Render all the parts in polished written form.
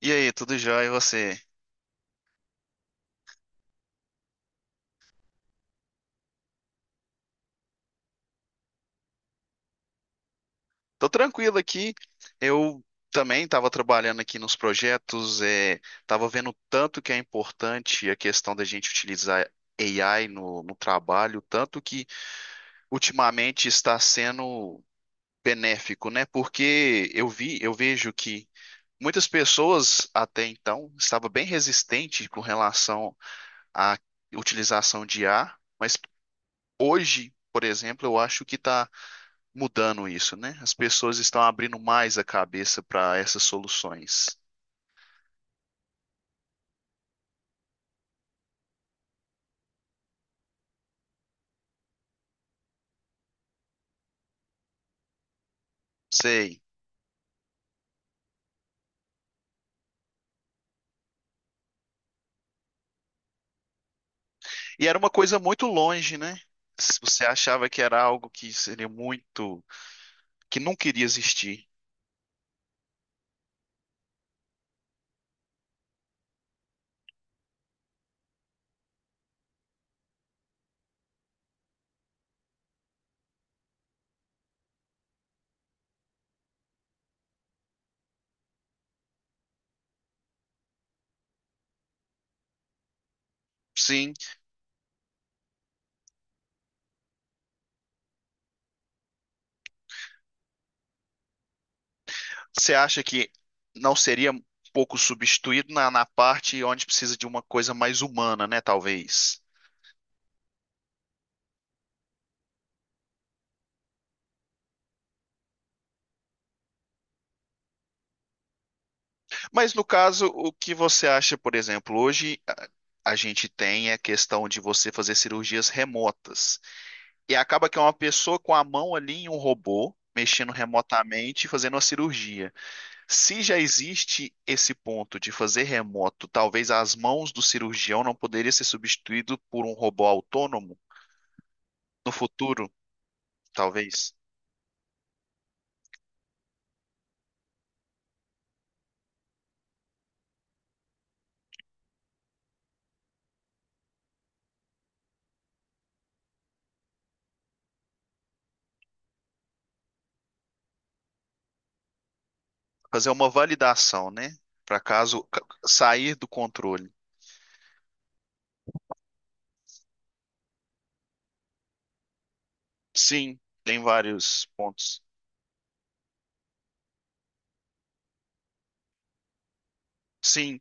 E aí, tudo jóia? E você? Tô tranquilo aqui. Eu também estava trabalhando aqui nos projetos, estava vendo o tanto que é importante a questão da gente utilizar AI no trabalho, tanto que ultimamente está sendo benéfico, né? Porque eu vejo que muitas pessoas até então estavam bem resistentes com relação à utilização de IA, mas hoje, por exemplo, eu acho que está mudando isso, né? As pessoas estão abrindo mais a cabeça para essas soluções. Sei. E era uma coisa muito longe, né? Se Você achava que era algo que seria que nunca iria existir. Sim. Você acha que não seria um pouco substituído na parte onde precisa de uma coisa mais humana, né? Talvez. Mas no caso, o que você acha, por exemplo, a gente tem é a questão de você fazer cirurgias remotas. E acaba que é uma pessoa com a mão ali em um robô, mexendo remotamente e fazendo uma cirurgia. Se já existe esse ponto de fazer remoto, talvez as mãos do cirurgião não poderiam ser substituído por um robô autônomo no futuro, talvez. Fazer uma validação, né? Para caso sair do controle. Sim, tem vários pontos. Sim,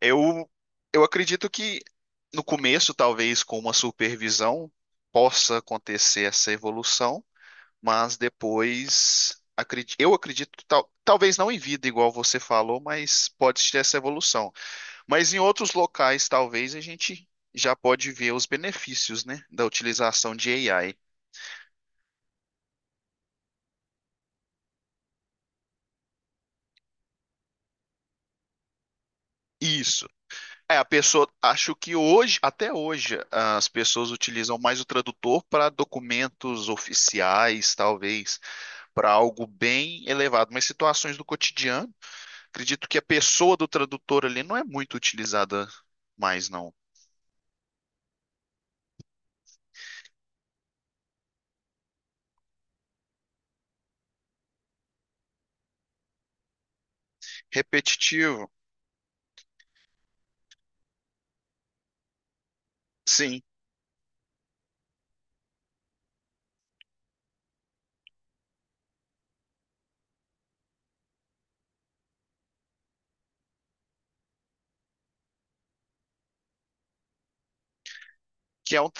eu eu acredito que no começo, talvez com uma supervisão, possa acontecer essa evolução, mas depois eu acredito, talvez não em vida, igual você falou, mas pode ter essa evolução. Mas em outros locais, talvez a gente já pode ver os benefícios, né, da utilização de AI. Isso. É, a pessoa, acho que hoje, até hoje, as pessoas utilizam mais o tradutor para documentos oficiais, talvez, para algo bem elevado, mas situações do cotidiano, acredito que a pessoa do tradutor ali não é muito utilizada mais, não. Repetitivo, sim, que é um,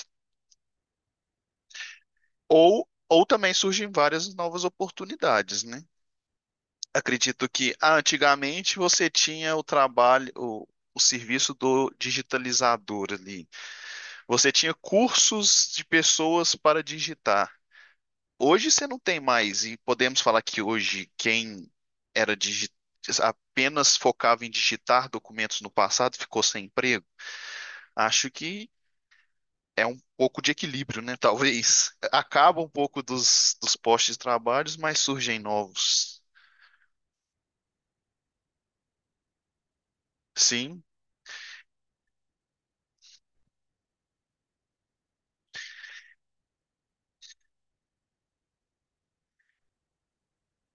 ou também surgem várias novas oportunidades, né? Acredito que ah, antigamente você tinha o o serviço do digitalizador ali. Você tinha cursos de pessoas para digitar. Hoje você não tem mais, e podemos falar que hoje quem era digi- apenas focava em digitar documentos no passado ficou sem emprego. Acho que é um pouco de equilíbrio, né? Talvez acaba um pouco dos postos de trabalhos, mas surgem novos. Sim,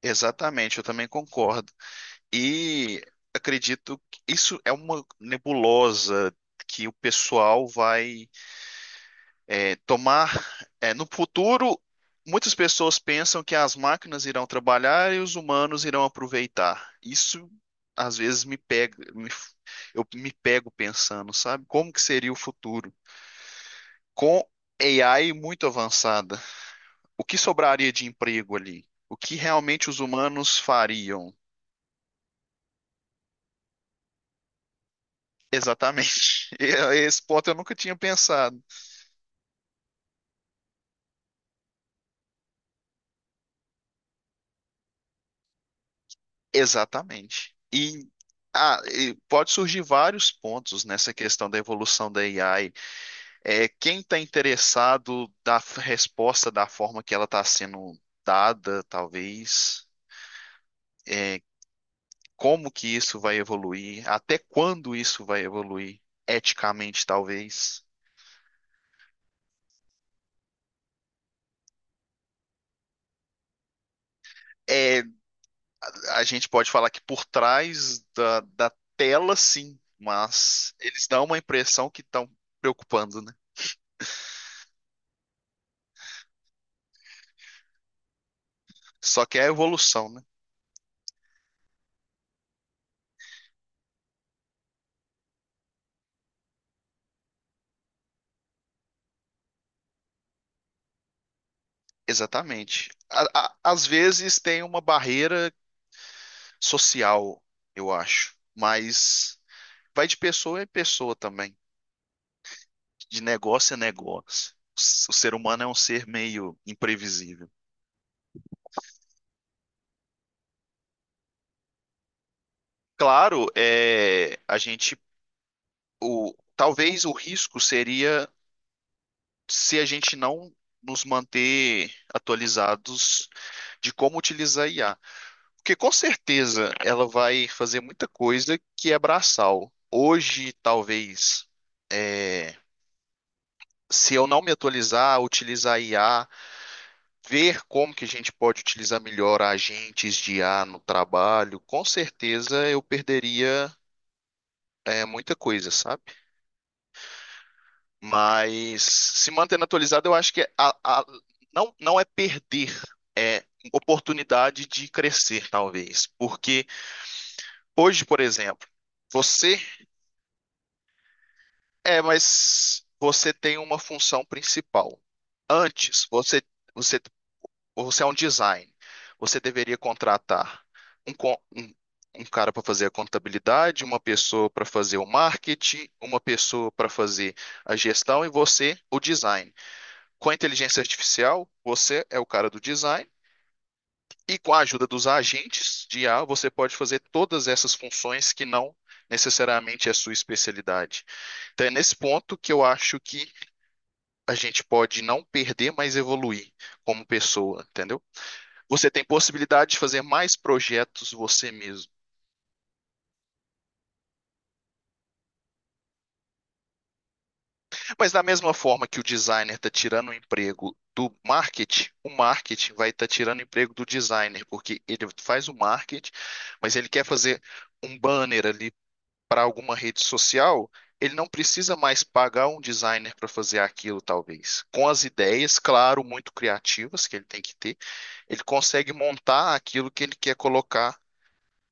exatamente, eu também concordo. E acredito que isso é uma nebulosa que o pessoal vai é, tomar. É, no futuro, muitas pessoas pensam que as máquinas irão trabalhar e os humanos irão aproveitar. Isso às vezes eu me pego pensando, sabe? Como que seria o futuro? Com AI muito avançada, o que sobraria de emprego ali? O que realmente os humanos fariam? Exatamente. Esse ponto eu nunca tinha pensado. Exatamente. E, ah, e pode surgir vários pontos nessa questão da evolução da AI. É, quem está interessado resposta da forma que ela está sendo dada, talvez. É, como que isso vai evoluir? Até quando isso vai evoluir? Eticamente, talvez. É, a gente pode falar que por trás da tela, sim, mas eles dão uma impressão que estão preocupando, né? Só que é a evolução, né? Exatamente. Às vezes tem uma barreira social, eu acho, mas vai de pessoa em pessoa também, de negócio a negócio. O ser humano é um ser meio imprevisível. Claro, é, talvez o risco seria se a gente não nos manter atualizados de como utilizar a IA. Porque com certeza ela vai fazer muita coisa que é braçal. Hoje, talvez, se eu não me atualizar, utilizar a IA, ver como que a gente pode utilizar melhor agentes de IA no trabalho, com certeza eu perderia, é, muita coisa, sabe? Mas se mantendo atualizado, eu acho que é não, não é perder, é oportunidade de crescer, talvez. Porque hoje, por exemplo, você mas você tem uma função principal. Antes, você, você é um design. Você deveria contratar um, con- um, um cara para fazer a contabilidade, uma pessoa para fazer o marketing, uma pessoa para fazer a gestão e você o design. Com a inteligência artificial, você é o cara do design e com a ajuda dos agentes de IA, você pode fazer todas essas funções que não necessariamente é a sua especialidade. Então é nesse ponto que eu acho que a gente pode não perder, mas evoluir como pessoa, entendeu? Você tem possibilidade de fazer mais projetos você mesmo. Mas da mesma forma que o designer está tirando o emprego do marketing, o marketing vai estar tirando o emprego do designer, porque ele faz o marketing, mas ele quer fazer um banner ali para alguma rede social, ele não precisa mais pagar um designer para fazer aquilo, talvez. Com as ideias, claro, muito criativas que ele tem que ter, ele consegue montar aquilo que ele quer colocar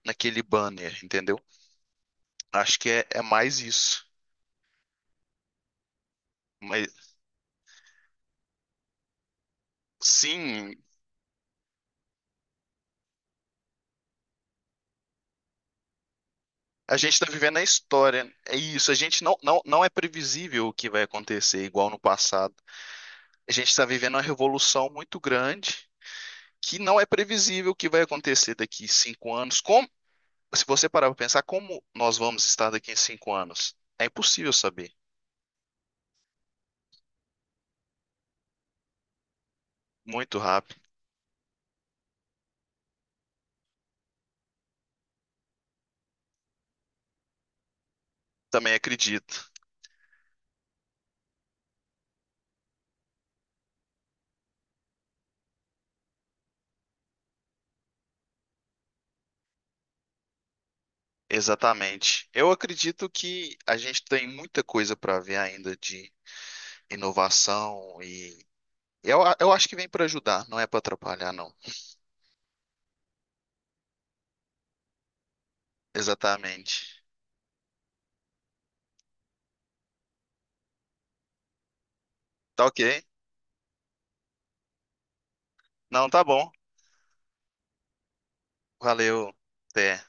naquele banner, entendeu? Acho que é mais isso. Mas sim, a gente está vivendo a história. É isso, a gente não, não, não é previsível o que vai acontecer, igual no passado. A gente está vivendo uma revolução muito grande que não é previsível o que vai acontecer daqui 5 anos. Como, se você parar para pensar, como nós vamos estar daqui em 5 anos? É impossível saber. Muito rápido. Também acredito. Exatamente. Eu acredito que a gente tem muita coisa para ver ainda de inovação e eu acho que vem para ajudar, não é para atrapalhar, não. Exatamente. Tá ok? Não, tá bom. Valeu. Até.